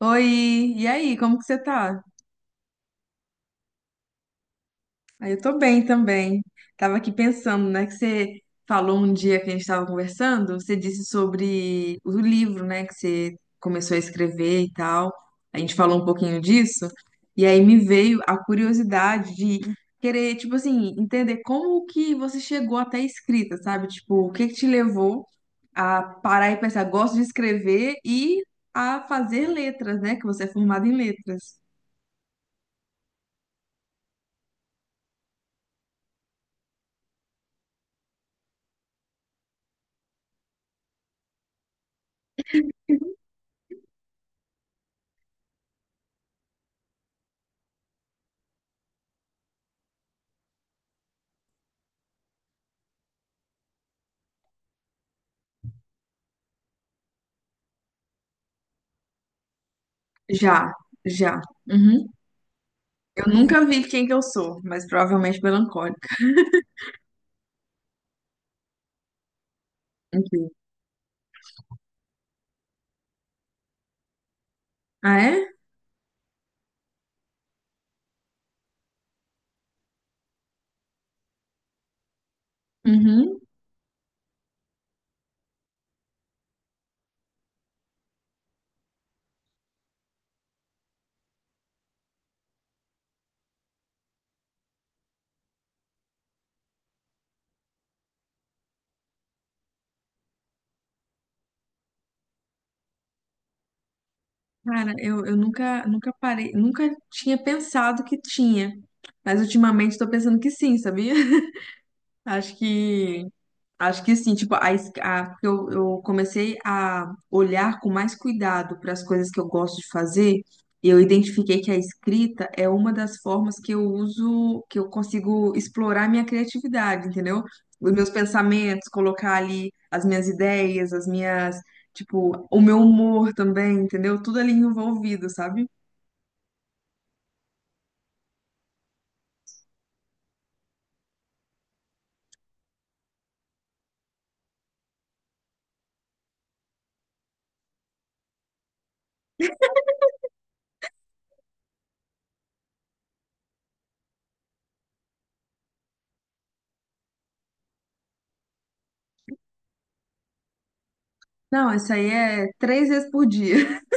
Oi, e aí, como que você tá? Aí eu tô bem também. Tava aqui pensando, né, que você falou um dia que a gente tava conversando, você disse sobre o livro, né, que você começou a escrever e tal. A gente falou um pouquinho disso, e aí me veio a curiosidade de querer, tipo assim, entender como que você chegou até a escrita, sabe? Tipo, o que que te levou a parar e pensar, gosto de escrever e a fazer letras, né, que você é formada em letras. Já, já. Uhum. Eu nunca vi quem que eu sou, mas provavelmente melancólica. Incrível. Ah, é? Uhum. Cara, eu nunca, nunca parei, nunca tinha pensado que tinha. Mas ultimamente tô pensando que sim, sabia? Acho que Acho que assim, tipo, porque eu comecei a olhar com mais cuidado para as coisas que eu gosto de fazer, e eu identifiquei que a escrita é uma das formas que eu uso, que eu consigo explorar a minha criatividade, entendeu? Os meus pensamentos, colocar ali as minhas ideias, as minhas, tipo, o meu humor também, entendeu? Tudo ali envolvido, sabe? Não, isso aí é três vezes por dia.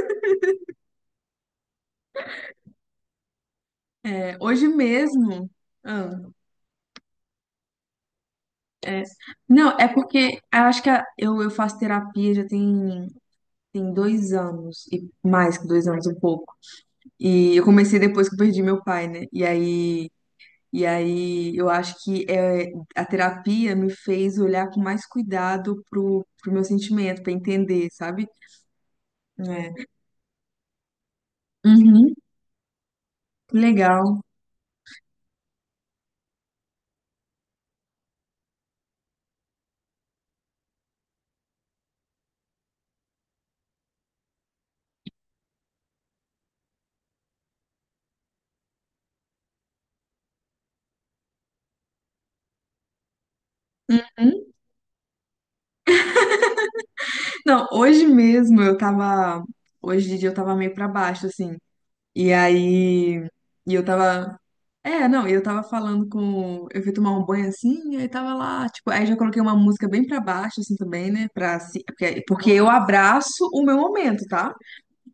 É, hoje mesmo. Ah. É. Não, é porque eu acho que eu faço terapia já tem, tem 2 anos, e mais que 2 anos, um pouco. E eu comecei depois que eu perdi meu pai, né? E aí eu acho que é, a terapia me fez olhar com mais cuidado pro, pro meu sentimento, pra entender, sabe? É. Uhum, legal. Uhum. Não, hoje mesmo eu tava. Hoje de dia eu tava meio pra baixo, assim. E aí. E eu tava. É, não, eu tava falando com. Eu fui tomar um banho assim, aí tava lá, tipo, aí já coloquei uma música bem pra baixo, assim também, né? Pra, se- porque, porque eu abraço o meu momento, tá?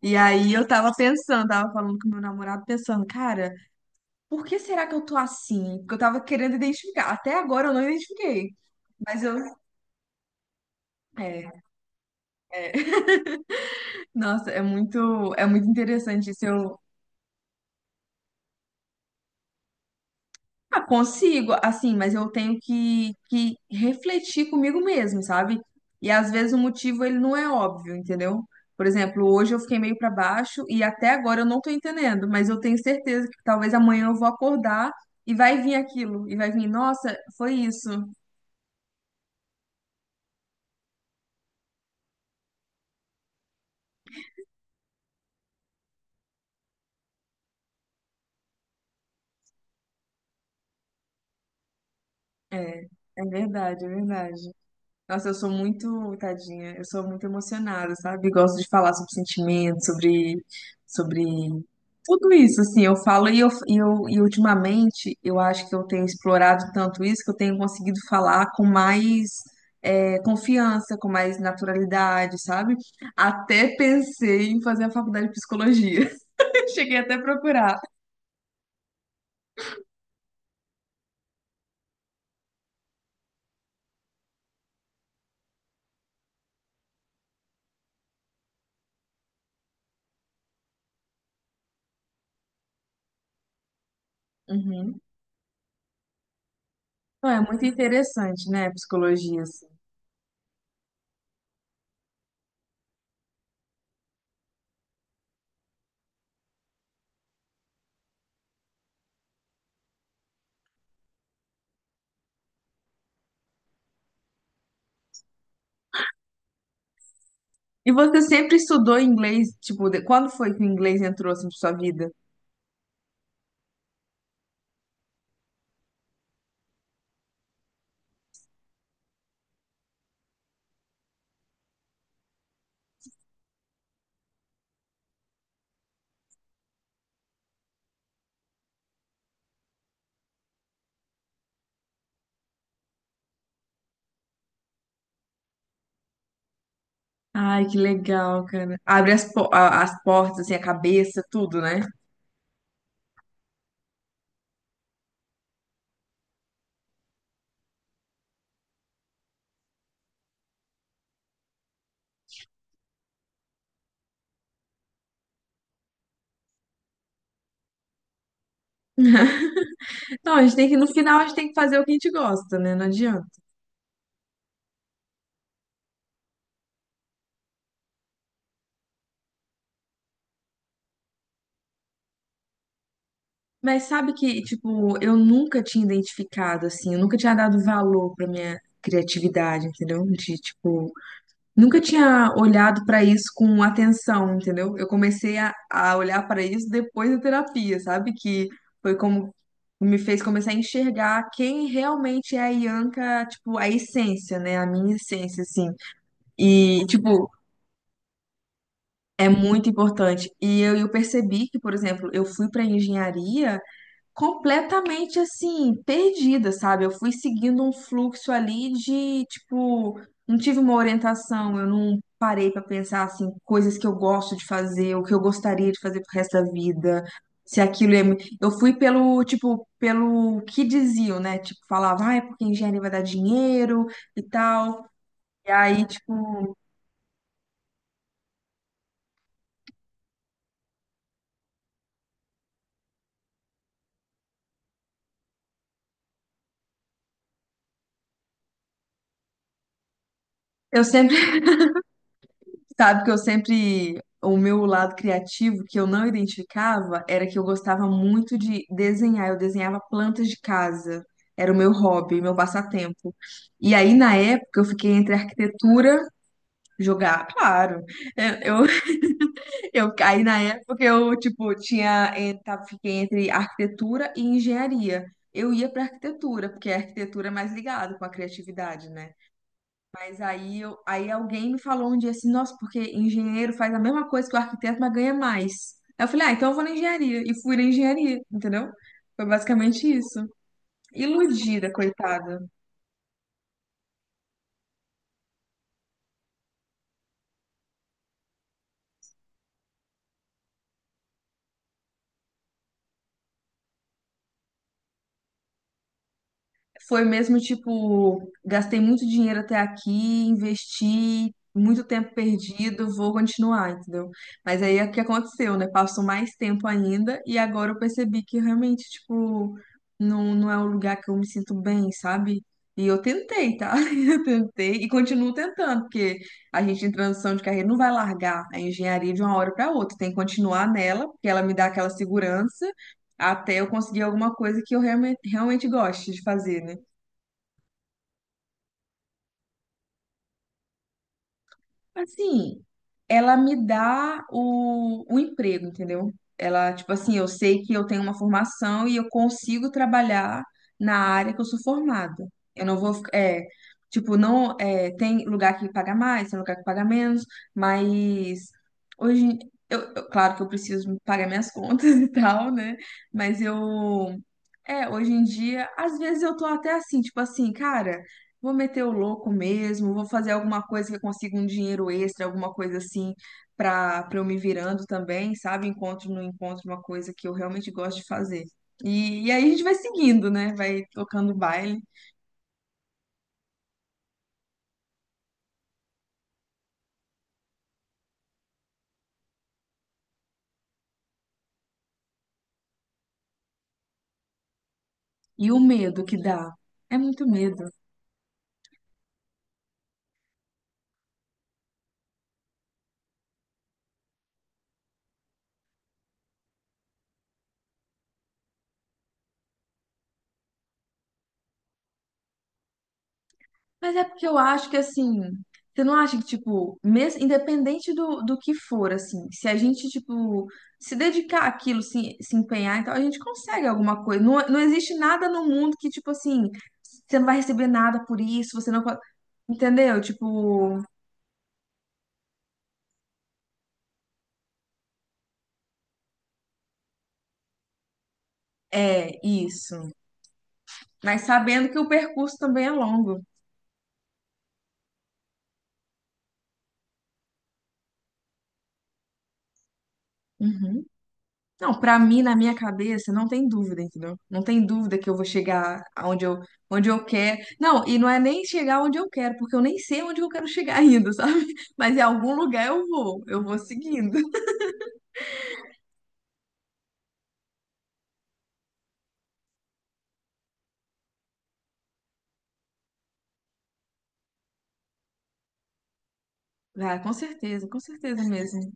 E aí eu tava pensando, tava falando com meu namorado, pensando, cara, por que será que eu tô assim? Porque eu tava querendo identificar. Até agora eu não identifiquei. Mas eu. É, é. Nossa, é muito interessante isso. Ah, consigo, assim, mas eu tenho que refletir comigo mesmo, sabe? E às vezes o motivo ele não é óbvio, entendeu? Por exemplo, hoje eu fiquei meio pra baixo e até agora eu não tô entendendo, mas eu tenho certeza que talvez amanhã eu vou acordar e vai vir aquilo, e vai vir, nossa, foi isso. É, é verdade, é verdade. Nossa, eu sou muito, tadinha, eu sou muito emocionada, sabe? Gosto de falar sobre sentimentos, sobre, sobre tudo isso, assim, eu falo e ultimamente eu acho que eu tenho explorado tanto isso que eu tenho conseguido falar com mais confiança, com mais naturalidade, sabe? Até pensei em fazer a faculdade de psicologia. Cheguei até a procurar. Uhum. Não, é muito interessante, né, psicologia. E você sempre estudou inglês? Tipo, quando foi que o inglês entrou assim pra sua vida? Ai, que legal, cara. Abre as, as portas, assim, a cabeça, tudo, né? Não, a gente tem que, no final, a gente tem que fazer o que a gente gosta, né? Não adianta. Mas sabe que, tipo, eu nunca tinha identificado, assim, eu nunca tinha dado valor pra minha criatividade, entendeu? De, tipo, nunca tinha olhado para isso com atenção, entendeu? Eu comecei a olhar para isso depois da terapia, sabe? Que foi como me fez começar a enxergar quem realmente é a Ianca, tipo, a essência, né? A minha essência, assim. E, tipo, é muito importante. E eu percebi que, por exemplo, eu fui para engenharia completamente assim, perdida, sabe? Eu fui seguindo um fluxo ali de, tipo, não tive uma orientação, eu não parei pra pensar assim, coisas que eu gosto de fazer, o que eu gostaria de fazer pro resto da vida. Se aquilo é... Eu fui pelo, tipo, pelo que diziam, né? Tipo, falava, ah, é porque engenharia vai dar dinheiro e tal. E aí, tipo, eu sabe que eu sempre, o meu lado criativo que eu não identificava era que eu gostava muito de desenhar. Eu desenhava plantas de casa. Era o meu hobby, meu passatempo. E aí, na época, eu fiquei entre arquitetura, jogar, claro. Eu, eu, aí, na época, eu, tipo, tinha, fiquei entre arquitetura e engenharia. Eu ia pra arquitetura, porque a arquitetura é mais ligada com a criatividade, né? Mas aí, aí alguém me falou um dia assim, nossa, porque engenheiro faz a mesma coisa que o arquiteto, mas ganha mais. Aí eu falei, ah, então eu vou na engenharia. E fui na engenharia, entendeu? Foi basicamente isso. Iludida, coitada. Foi mesmo tipo, gastei muito dinheiro até aqui, investi muito tempo perdido, vou continuar, entendeu? Mas aí é o que aconteceu, né? Passou mais tempo ainda e agora eu percebi que realmente, tipo, não, não é um lugar que eu me sinto bem, sabe? E eu tentei, tá? Eu tentei e continuo tentando, porque a gente em transição de carreira não vai largar a engenharia de uma hora para outra, tem que continuar nela, porque ela me dá aquela segurança até eu conseguir alguma coisa que eu realmente, realmente goste de fazer, né? Assim, ela me dá o emprego, entendeu? Ela, tipo assim, eu sei que eu tenho uma formação e eu consigo trabalhar na área que eu sou formada. Eu não vou, é, tipo, não, é, tem lugar que paga mais, tem lugar que paga menos, mas hoje, claro que eu preciso pagar minhas contas e tal, né? Mas eu, é, hoje em dia, às vezes eu tô até assim, tipo assim, cara. Vou meter o louco mesmo, vou fazer alguma coisa que eu consiga um dinheiro extra, alguma coisa assim, para eu me virando também, sabe? Encontro no encontro uma coisa que eu realmente gosto de fazer. E aí a gente vai seguindo, né? Vai tocando o baile. E o medo que dá. É muito medo. Mas é porque eu acho que assim, você não acha que, tipo, mesmo, independente do, do que for, assim, se a gente, tipo, se dedicar àquilo, se empenhar, então a gente consegue alguma coisa. Não, não existe nada no mundo que, tipo assim, você não vai receber nada por isso, você não pode. Entendeu? Tipo, é isso. Mas sabendo que o percurso também é longo. Uhum. Não, pra mim, na minha cabeça, não tem dúvida, entendeu? Não tem dúvida que eu vou chegar aonde eu, onde eu quero. Não, e não é nem chegar onde eu quero, porque eu nem sei onde eu quero chegar ainda, sabe? Mas em algum lugar eu vou seguindo. Ah, com certeza mesmo.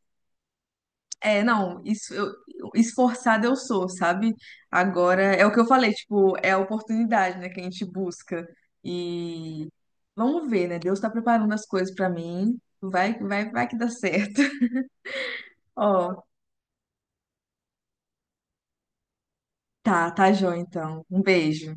É, não, isso, eu, esforçada eu sou, sabe? Agora, é o que eu falei, tipo, é a oportunidade, né, que a gente busca. E vamos ver, né? Deus tá preparando as coisas pra mim. Vai que dá certo. Ó. Tá, tá, Jô, então. Um beijo.